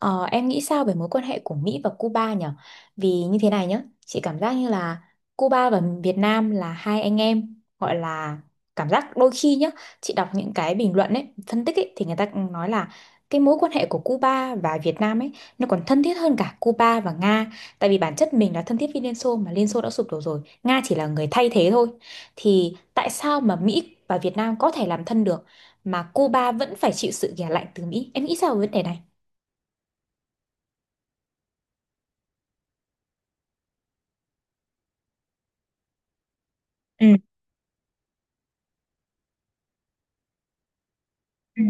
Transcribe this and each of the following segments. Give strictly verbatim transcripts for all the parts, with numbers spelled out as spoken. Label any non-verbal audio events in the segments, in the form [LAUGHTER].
Ờ, em nghĩ sao về mối quan hệ của Mỹ và Cuba nhỉ? Vì như thế này nhá, chị cảm giác như là Cuba và Việt Nam là hai anh em, gọi là cảm giác đôi khi nhá, chị đọc những cái bình luận ấy, phân tích ấy thì người ta cũng nói là cái mối quan hệ của Cuba và Việt Nam ấy nó còn thân thiết hơn cả Cuba và Nga, tại vì bản chất mình là thân thiết với Liên Xô mà Liên Xô đã sụp đổ rồi, Nga chỉ là người thay thế thôi. Thì tại sao mà Mỹ và Việt Nam có thể làm thân được mà Cuba vẫn phải chịu sự ghẻ lạnh từ Mỹ? Em nghĩ sao về vấn đề này? Ừ.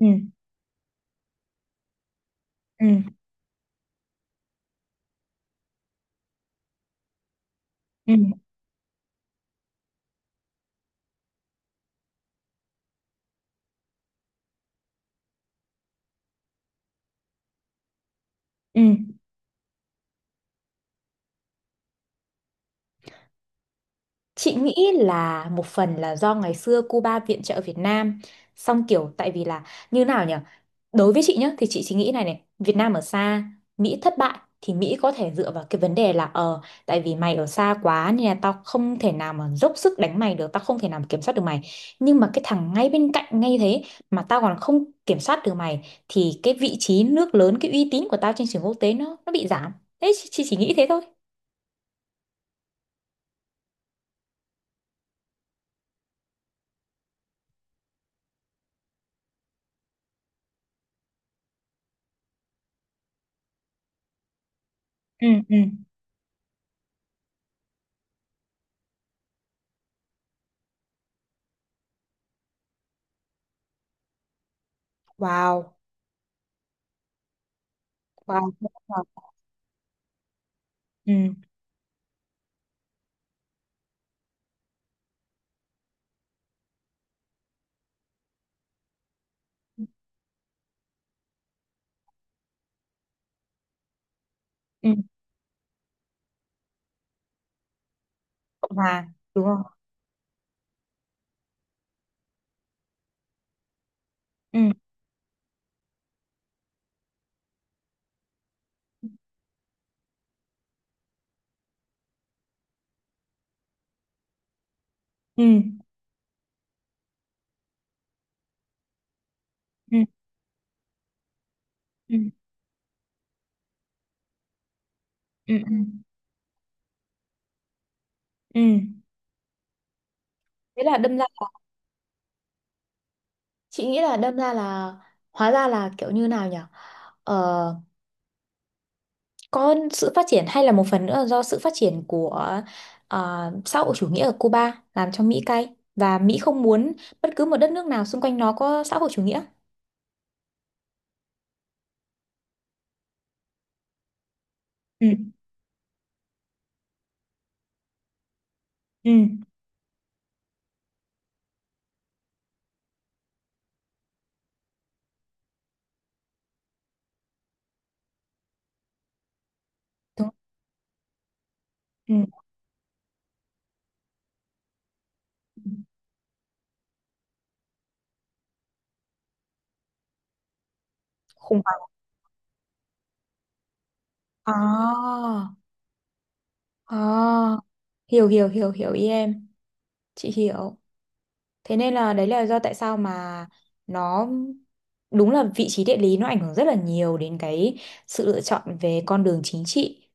Ừ. Ừ. Ừ. Ừ. Chị nghĩ là một phần là do ngày xưa Cuba viện trợ Việt Nam xong kiểu tại vì là như nào nhỉ, đối với chị nhá thì chị chỉ nghĩ này này Việt Nam ở xa, Mỹ thất bại thì Mỹ có thể dựa vào cái vấn đề là ờ tại vì mày ở xa quá nên là tao không thể nào mà dốc sức đánh mày được, tao không thể nào mà kiểm soát được mày, nhưng mà cái thằng ngay bên cạnh ngay thế mà tao còn không kiểm soát được mày thì cái vị trí nước lớn, cái uy tín của tao trên trường quốc tế nó nó bị giảm. Thế chị, chị chỉ nghĩ thế thôi. Ừ. Ừ. Wow. Wow, đúng rồi. Ừ. Ừ. Cộng hòa đúng không? Ừ. Ừ. Ừ. Ừ. Ừ. Ừ. Ừ. Thế là đâm ra chị nghĩ là đâm ra là hóa ra là kiểu như nào nhỉ, ờ, có sự phát triển hay là một phần nữa là do sự phát triển của ờ, xã hội chủ nghĩa ở Cuba làm cho Mỹ cay và Mỹ không muốn bất cứ một đất nước nào xung quanh nó có xã hội chủ nghĩa. Ừ. Ừ. Đúng. Ừ. Khủng hoảng. À. Ờ. Hiểu hiểu hiểu hiểu ý em, chị hiểu. Thế nên là đấy là do tại sao mà nó đúng là vị trí địa lý nó ảnh hưởng rất là nhiều đến cái sự lựa chọn về con đường chính trị.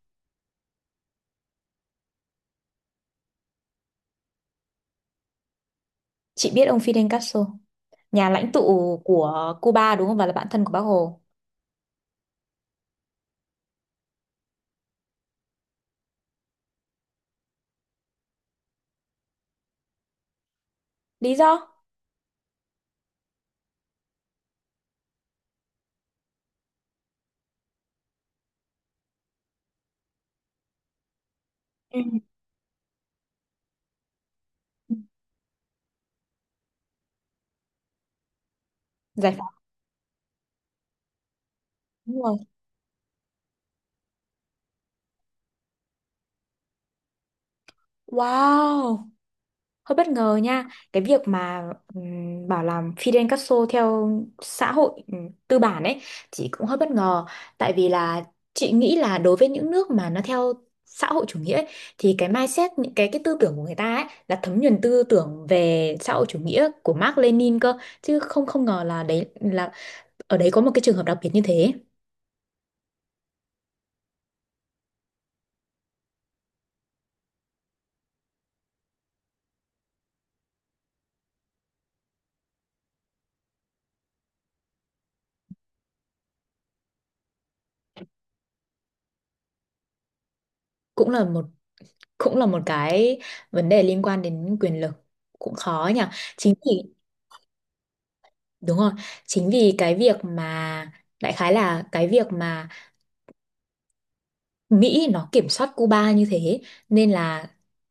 Chị biết ông Fidel Castro, nhà lãnh tụ của Cuba đúng không? Và là bạn thân của Bác Hồ. Lý do? Ừ. Giải phóng, đúng rồi. Wow, hơi bất ngờ nha, cái việc mà ừm, bảo là Fidel Castro theo xã hội ừm, tư bản ấy, chị cũng hơi bất ngờ. Tại vì là chị nghĩ là đối với những nước mà nó theo xã hội chủ nghĩa ấy, thì cái mindset, những cái cái tư tưởng của người ta ấy là thấm nhuần tư tưởng về xã hội chủ nghĩa của Marx Lenin cơ, chứ không không ngờ là đấy là ở đấy có một cái trường hợp đặc biệt như thế. Cũng là một cũng là một cái vấn đề liên quan đến quyền lực, cũng khó nhỉ. Chính vì đúng rồi, chính vì cái việc mà đại khái là cái việc mà Mỹ nó kiểm soát Cuba như thế nên là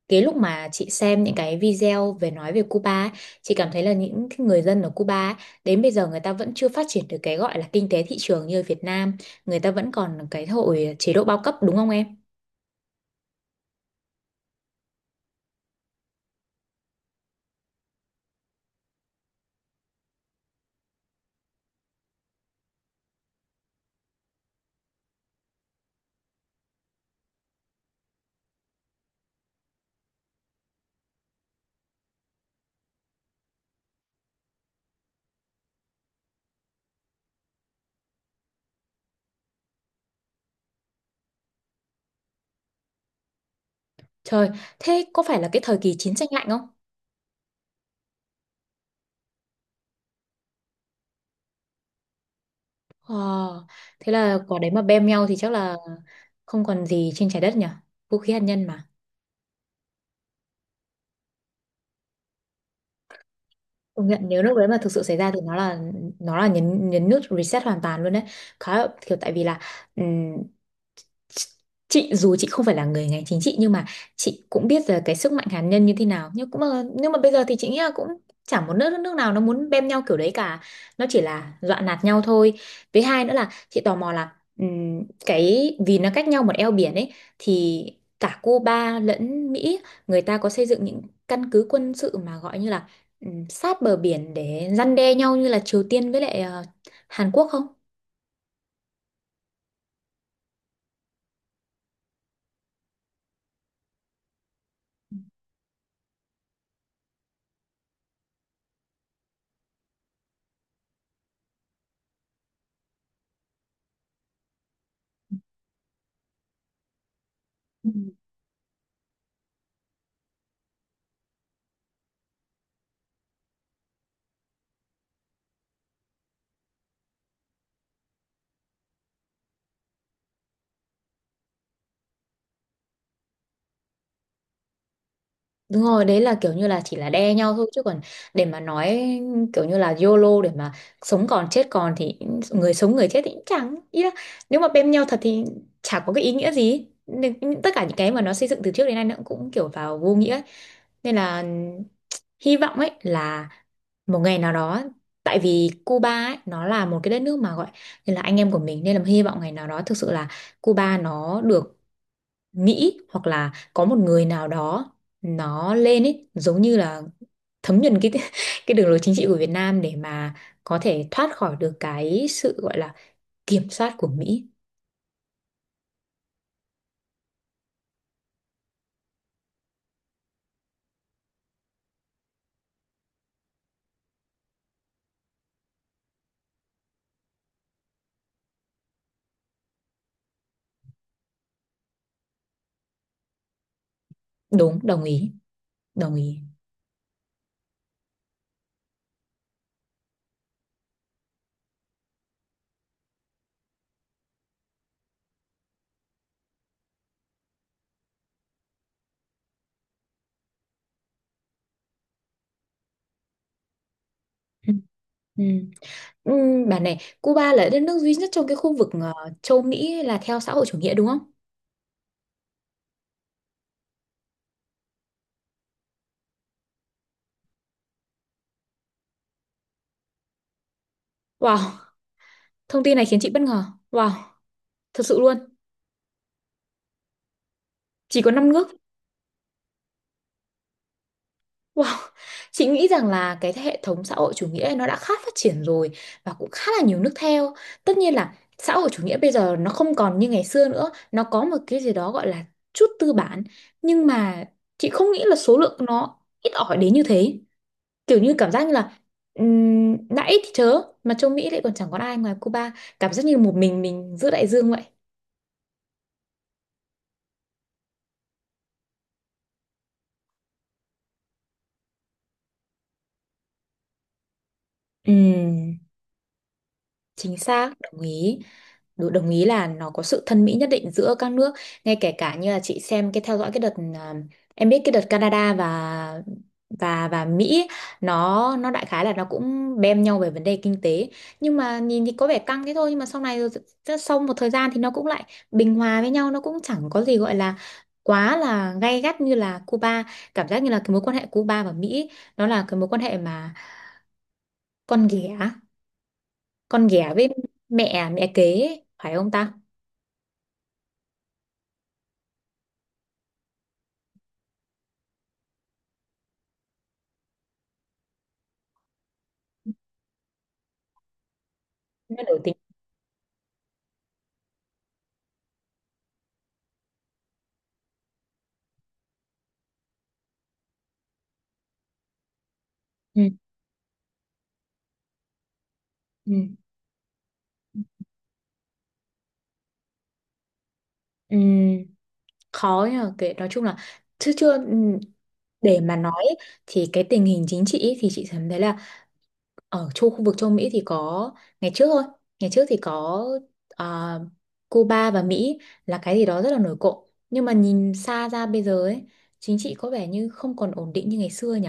cái lúc mà chị xem những cái video về nói về Cuba ấy, chị cảm thấy là những người dân ở Cuba ấy, đến bây giờ người ta vẫn chưa phát triển được cái gọi là kinh tế thị trường như ở Việt Nam, người ta vẫn còn cái hội chế độ bao cấp đúng không em? Trời, thế có phải là cái thời kỳ chiến tranh lạnh không? Ờ, thế là quả đấy mà bem nhau thì chắc là không còn gì trên trái đất nhỉ? Vũ khí hạt nhân. Công nhận nếu lúc đấy mà thực sự xảy ra thì nó là nó là nhấn nhấn nút reset hoàn toàn luôn đấy, khá là kiểu tại vì là chị dù chị không phải là người ngành chính trị nhưng mà chị cũng biết là cái sức mạnh hạt nhân như thế nào, nhưng cũng mà nhưng mà bây giờ thì chị nghĩ là cũng chả một nước nước nào nó muốn bem nhau kiểu đấy cả, nó chỉ là dọa nạt nhau thôi. Với hai nữa là chị tò mò là ừm, cái vì nó cách nhau một eo biển ấy thì cả Cuba lẫn Mỹ người ta có xây dựng những căn cứ quân sự mà gọi như là ừm, sát bờ biển để răn đe nhau như là Triều Tiên với lại ờ, Hàn Quốc không? Đúng rồi, đấy là kiểu như là chỉ là đe nhau thôi chứ còn để mà nói kiểu như là YOLO để mà sống còn chết còn thì người sống người chết thì cũng chẳng ý là nếu mà bên nhau thật thì chả có cái ý nghĩa gì, nên tất cả những cái mà nó xây dựng từ trước đến nay nó cũng kiểu vào vô nghĩa ấy. Nên là hy vọng ấy là một ngày nào đó tại vì Cuba ấy, nó là một cái đất nước mà gọi như là anh em của mình nên là hy vọng ngày nào đó thực sự là Cuba nó được nghĩ hoặc là có một người nào đó nó lên ấy giống như là thấm nhuần cái [LAUGHS] cái đường lối chính trị của Việt Nam để mà có thể thoát khỏi được cái sự gọi là kiểm soát của Mỹ. Đúng, đồng ý, đồng ý. Ừ. Ừ. Ừ, bà này, Cuba là đất nước duy nhất trong cái khu vực ờ, châu Mỹ là theo xã hội chủ nghĩa đúng không? Wow, thông tin này khiến chị bất ngờ. Wow, thật sự luôn. Chỉ có năm nước. Wow, chị nghĩ rằng là cái hệ thống xã hội chủ nghĩa ấy nó đã khá phát triển rồi và cũng khá là nhiều nước theo. Tất nhiên là xã hội chủ nghĩa bây giờ nó không còn như ngày xưa nữa, nó có một cái gì đó gọi là chút tư bản, nhưng mà chị không nghĩ là số lượng nó ít ỏi đến như thế. Kiểu như cảm giác như là ừm, đã ít thì chớ, mà châu Mỹ lại còn chẳng có ai ngoài Cuba, cảm giác như một mình mình giữa đại dương vậy. Ừm. Chính xác, đồng ý. Đủ- đồng ý là nó có sự thân mỹ nhất định giữa các nước. Ngay kể cả như là chị xem cái theo dõi cái đợt à, em biết cái đợt Canada và và và Mỹ ấy, nó nó đại khái là nó cũng bem nhau về vấn đề kinh tế. Nhưng mà nhìn thì có vẻ căng thế thôi nhưng mà sau này rồi s- sau một thời gian thì nó cũng lại bình hòa với nhau, nó cũng chẳng có gì gọi là quá là gay gắt như là Cuba. Cảm giác như là cái mối quan hệ Cuba và Mỹ nó là cái mối quan hệ mà con ghẻ con ghẻ với mẹ mẹ kế ấy, phải không ta? Nó nổi tiếng. Ừ, ừ, ừ, khó nhờ kể nói chung là chứ chưa ừ, để mà nói ấy, thì cái tình hình chính trị ấy, thì chị cảm thấy là ở châu khu vực châu Mỹ thì có ngày trước thôi, ngày trước thì có à, Cuba và Mỹ là cái gì đó rất là nổi cộm nhưng mà nhìn xa ra bây giờ ấy chính trị có vẻ như không còn ổn định như ngày xưa nhỉ.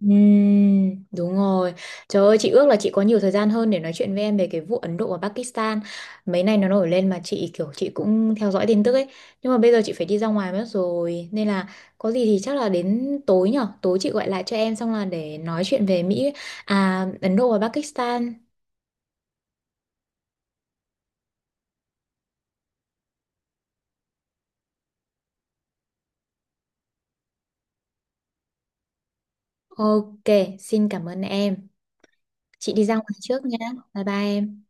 Ừm, đúng rồi. Trời ơi, chị ước là chị có nhiều thời gian hơn để nói chuyện với em về cái vụ Ấn Độ và Pakistan. Mấy nay nó nổi lên mà chị kiểu chị cũng theo dõi tin tức ấy. Nhưng mà bây giờ chị phải đi ra ngoài mất rồi. Nên là có gì thì chắc là đến tối nhở. Tối chị gọi lại cho em xong là để nói chuyện về Mỹ, à Ấn Độ và Pakistan. Ok, xin cảm ơn em. Chị đi ra ngoài trước nhá. Bye bye em.